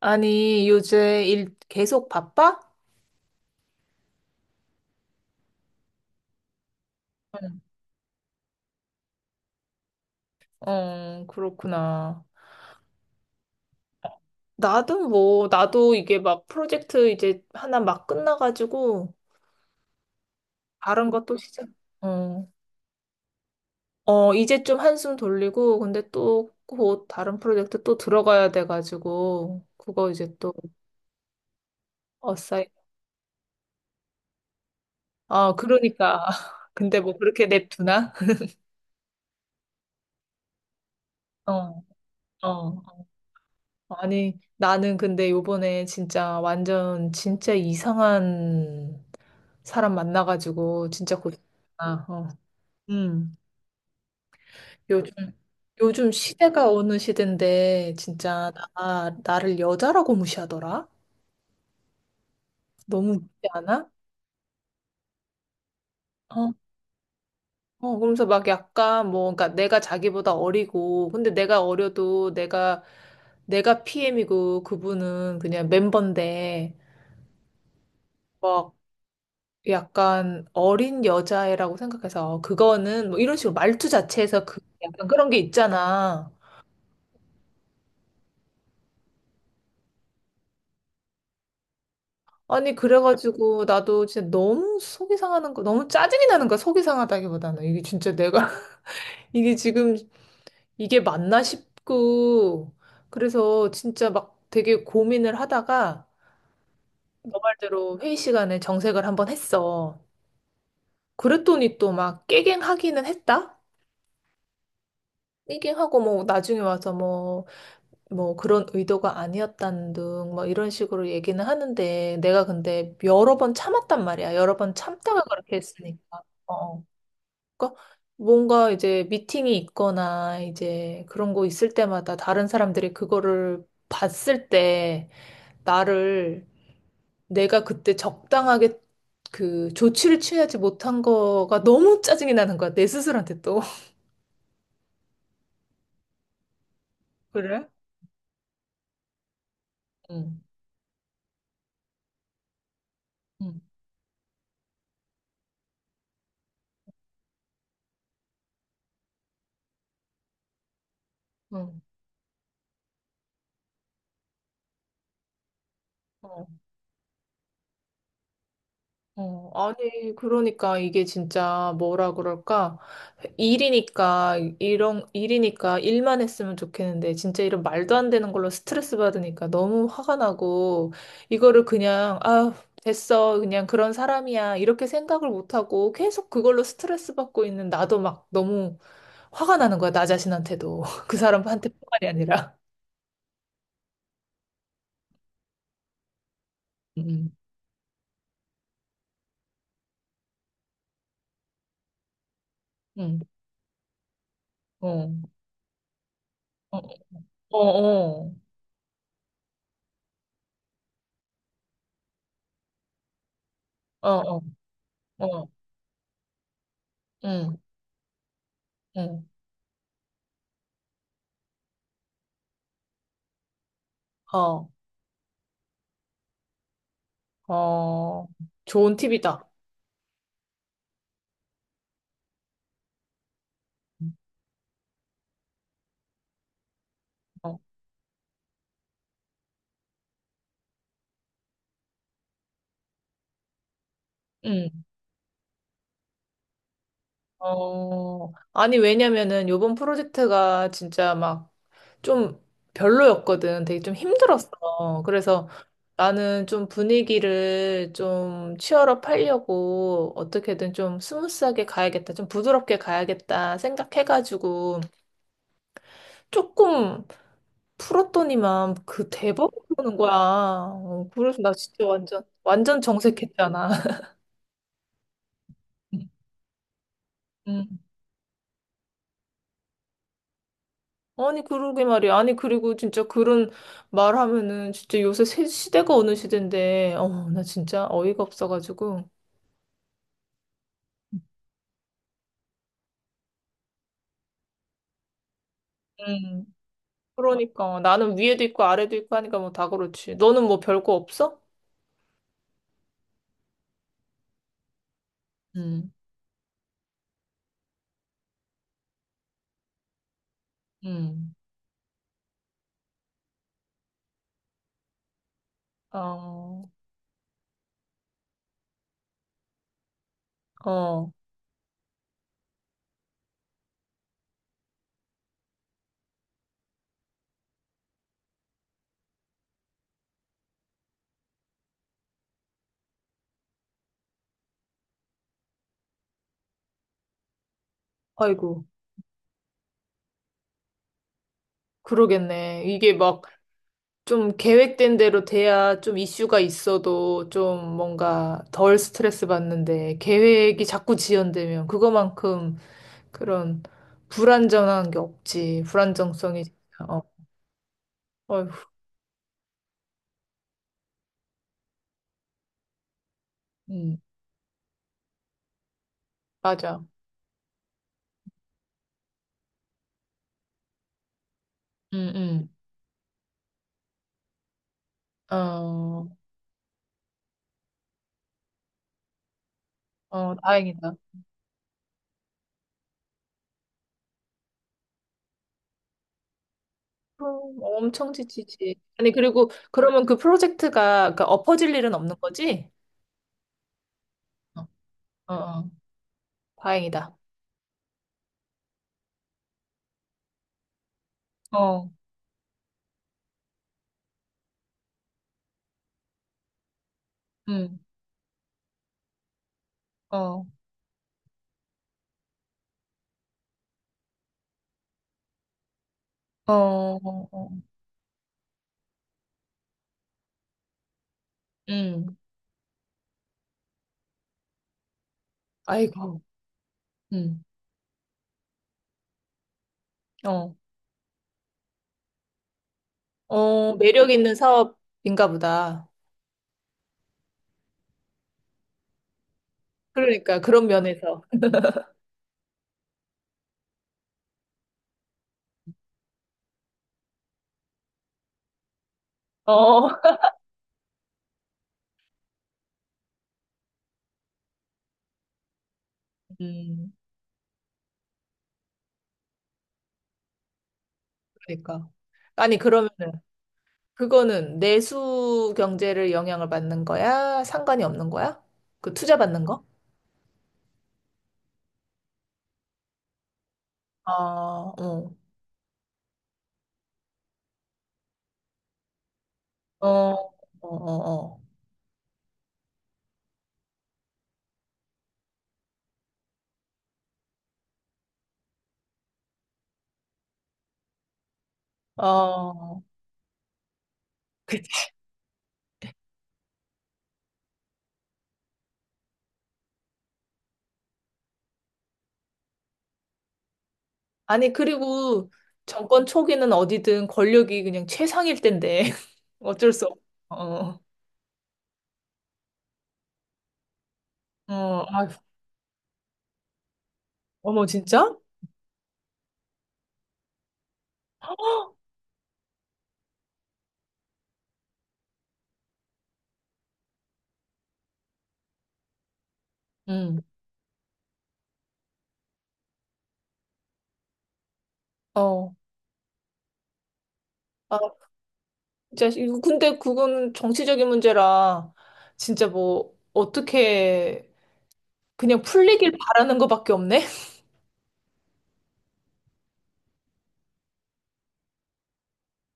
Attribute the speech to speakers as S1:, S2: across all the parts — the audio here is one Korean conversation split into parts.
S1: 아니, 요새 일 계속 바빠? 응. 어, 그렇구나. 나도 뭐, 나도 이게 막 프로젝트 이제 하나 막 끝나가지고, 다른 것도 시작. 어, 어, 이제 좀 한숨 돌리고, 근데 또 곧 다른 프로젝트 또 들어가야 돼가지고, 그거 이제 또, 어싸이. 아, 그러니까. 근데 뭐 그렇게 냅두나? 어, 어. 아니, 나는 근데 요번에 진짜 완전, 진짜 이상한 사람 만나가지고 진짜 고생했구나. 어. 음. 요즘 요즘 시대가 어느 시대인데 진짜 나 나를 여자라고 무시하더라. 너무 무시 않아? 어. 어, 그러면서 막 약간 뭐 그러니까 내가 자기보다 어리고 근데 내가 어려도 내가 PM이고 그분은 그냥 멤버인데 막 약간 어린 여자애라고 생각해서 그거는 뭐 이런 식으로 말투 자체에서 그 약간 그런 게 있잖아. 아니, 그래가지고 나도 진짜 너무 속이 상하는 거, 너무 짜증이 나는 거야, 속이 상하다기보다는. 이게 진짜 내가, 이게 지금, 이게 맞나 싶고, 그래서 진짜 막 되게 고민을 하다가, 너 말대로 회의 시간에 정색을 한번 했어. 그랬더니 또 막 깨갱하기는 했다? 깨갱하고 뭐 나중에 와서 뭐, 뭐 그런 의도가 아니었다는 등 뭐 이런 식으로 얘기는 하는데, 내가 근데 여러 번 참았단 말이야. 여러 번 참다가 그렇게 했으니까. 어. 그러니까 뭔가 이제 미팅이 있거나 이제 그런 거 있을 때마다 다른 사람들이 그거를 봤을 때 나를 내가 그때 적당하게 그 조치를 취하지 못한 거가 너무 짜증이 나는 거야. 내 스스로한테 또. 그래? 응. 응. 응. 어, 아니, 그러니까 이게 진짜 뭐라 그럴까? 일이니까, 이런, 일이니까 일만 했으면 좋겠는데, 진짜 이런 말도 안 되는 걸로 스트레스 받으니까 너무 화가 나고, 이거를 그냥, 아, 됐어. 그냥 그런 사람이야. 이렇게 생각을 못하고 계속 그걸로 스트레스 받고 있는 나도 막 너무 화가 나는 거야. 나 자신한테도. 그 사람한테 뿐만이 아니라. 응. 응. 어, 어, 어, 어, 어, 어, 어. 응. 응. 어. 어, 좋은 팁이다. 어. 음. 어, 아니, 왜냐면은 요번 프로젝트가 진짜 막 좀 별로였거든. 되게 좀 힘들었어. 그래서 나는 좀 분위기를 좀 치열업 하려고 어떻게든 좀 스무스하게 가야겠다. 좀 부드럽게 가야겠다 생각해가지고 조금 풀었더니만 그 대박 그러는 거야. 어, 그래서 나 진짜 완전, 완전 정색했잖아. 음. 아니, 그러게 말이야. 아니, 그리고 진짜 그런 말 하면은 진짜 요새 새 시대가 어느 시대인데, 어, 나 진짜 어이가 없어가지고. 음. 그러니까. 나는 위에도 있고 아래도 있고 하니까 뭐 다 그렇지. 너는 뭐 별 거 없어? 음. 음. 어. 어. 아이고, 그러겠네. 이게 막 좀 계획된 대로 돼야 좀 이슈가 있어도 좀 뭔가 덜 스트레스 받는데 계획이 자꾸 지연되면 그거만큼 그런 불안정한 게 없지. 불안정성이 진짜, 어, 어휴. 음. 맞아. 음. 음. 어, 어, 다행이다. 그럼 엄청 지치지. 아니, 그리고 그러면 그 프로젝트가 그러니까 엎어질 일은 없는 거지? 어, 어, 어. 다행이다. 어. 음. 어. 어. 어. 어. 음. 아이고. 음. 어. 어, 매력 있는 사업인가 보다. 그러니까 그런 면에서. 어. 음. 그러니까. 아니, 그러면은. 그거는 내수 경제를 영향을 받는 거야? 상관이 없는 거야? 그 투자 받는 거? 어, 어, 어, 어, 어, 어. 어. 그치. 아니, 그리고 정권 초기는 어디든 권력이 그냥 최상일 텐데. 어쩔 수 없어. 어. 어. 아휴. 어머, 진짜? 응. 어. 아, 진짜, 이거 근데 그건 정치적인 문제라 진짜 뭐, 어떻게 그냥 풀리길 바라는 것밖에 없네?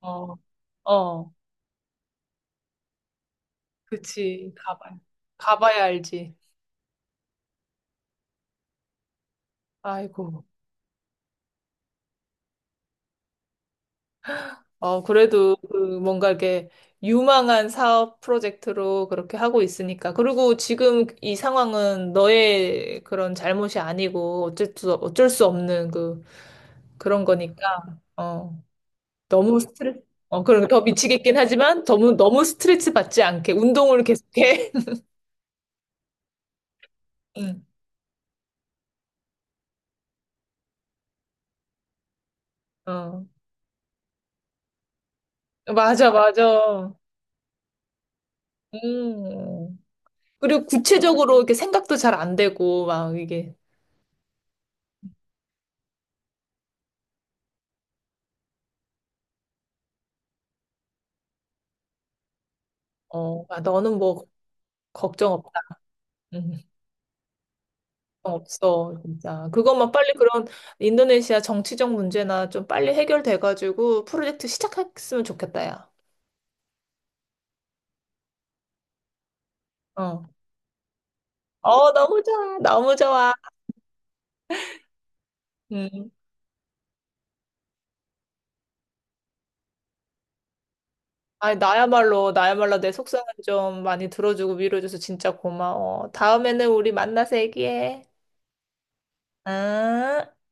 S1: 어. 어. 그치. 가봐. 가봐야 알지. 아이고. 어, 그래도 그 뭔가 이렇게 유망한 사업 프로젝트로 그렇게 하고 있으니까. 그리고 지금 이 상황은 너의 그런 잘못이 아니고 어쩔 수, 어쩔 수 없는 그, 그런 거니까. 어, 너무 스트레스, 어, 그럼 더 미치겠긴 하지만 너무, 너무 스트레스 받지 않게 운동을 계속해. 응. 어. 맞아, 맞아. 음. 그리고 구체적으로 이렇게 생각도 잘 안 되고, 막 이게. 어, 아, 너는 뭐 걱정 없다. 음. 걱정 없어, 진짜. 그것만 빨리 그런 인도네시아 정치적 문제나 좀 빨리 해결돼가지고 프로젝트 시작했으면 좋겠다, 야. 어. 어, 너무 좋아. 너무 좋아. 음. 아니, 나야말로, 나야말로 내 속상은 좀 많이 들어주고 위로해줘서 진짜 고마워. 다음에는 우리 만나서 얘기해. 응?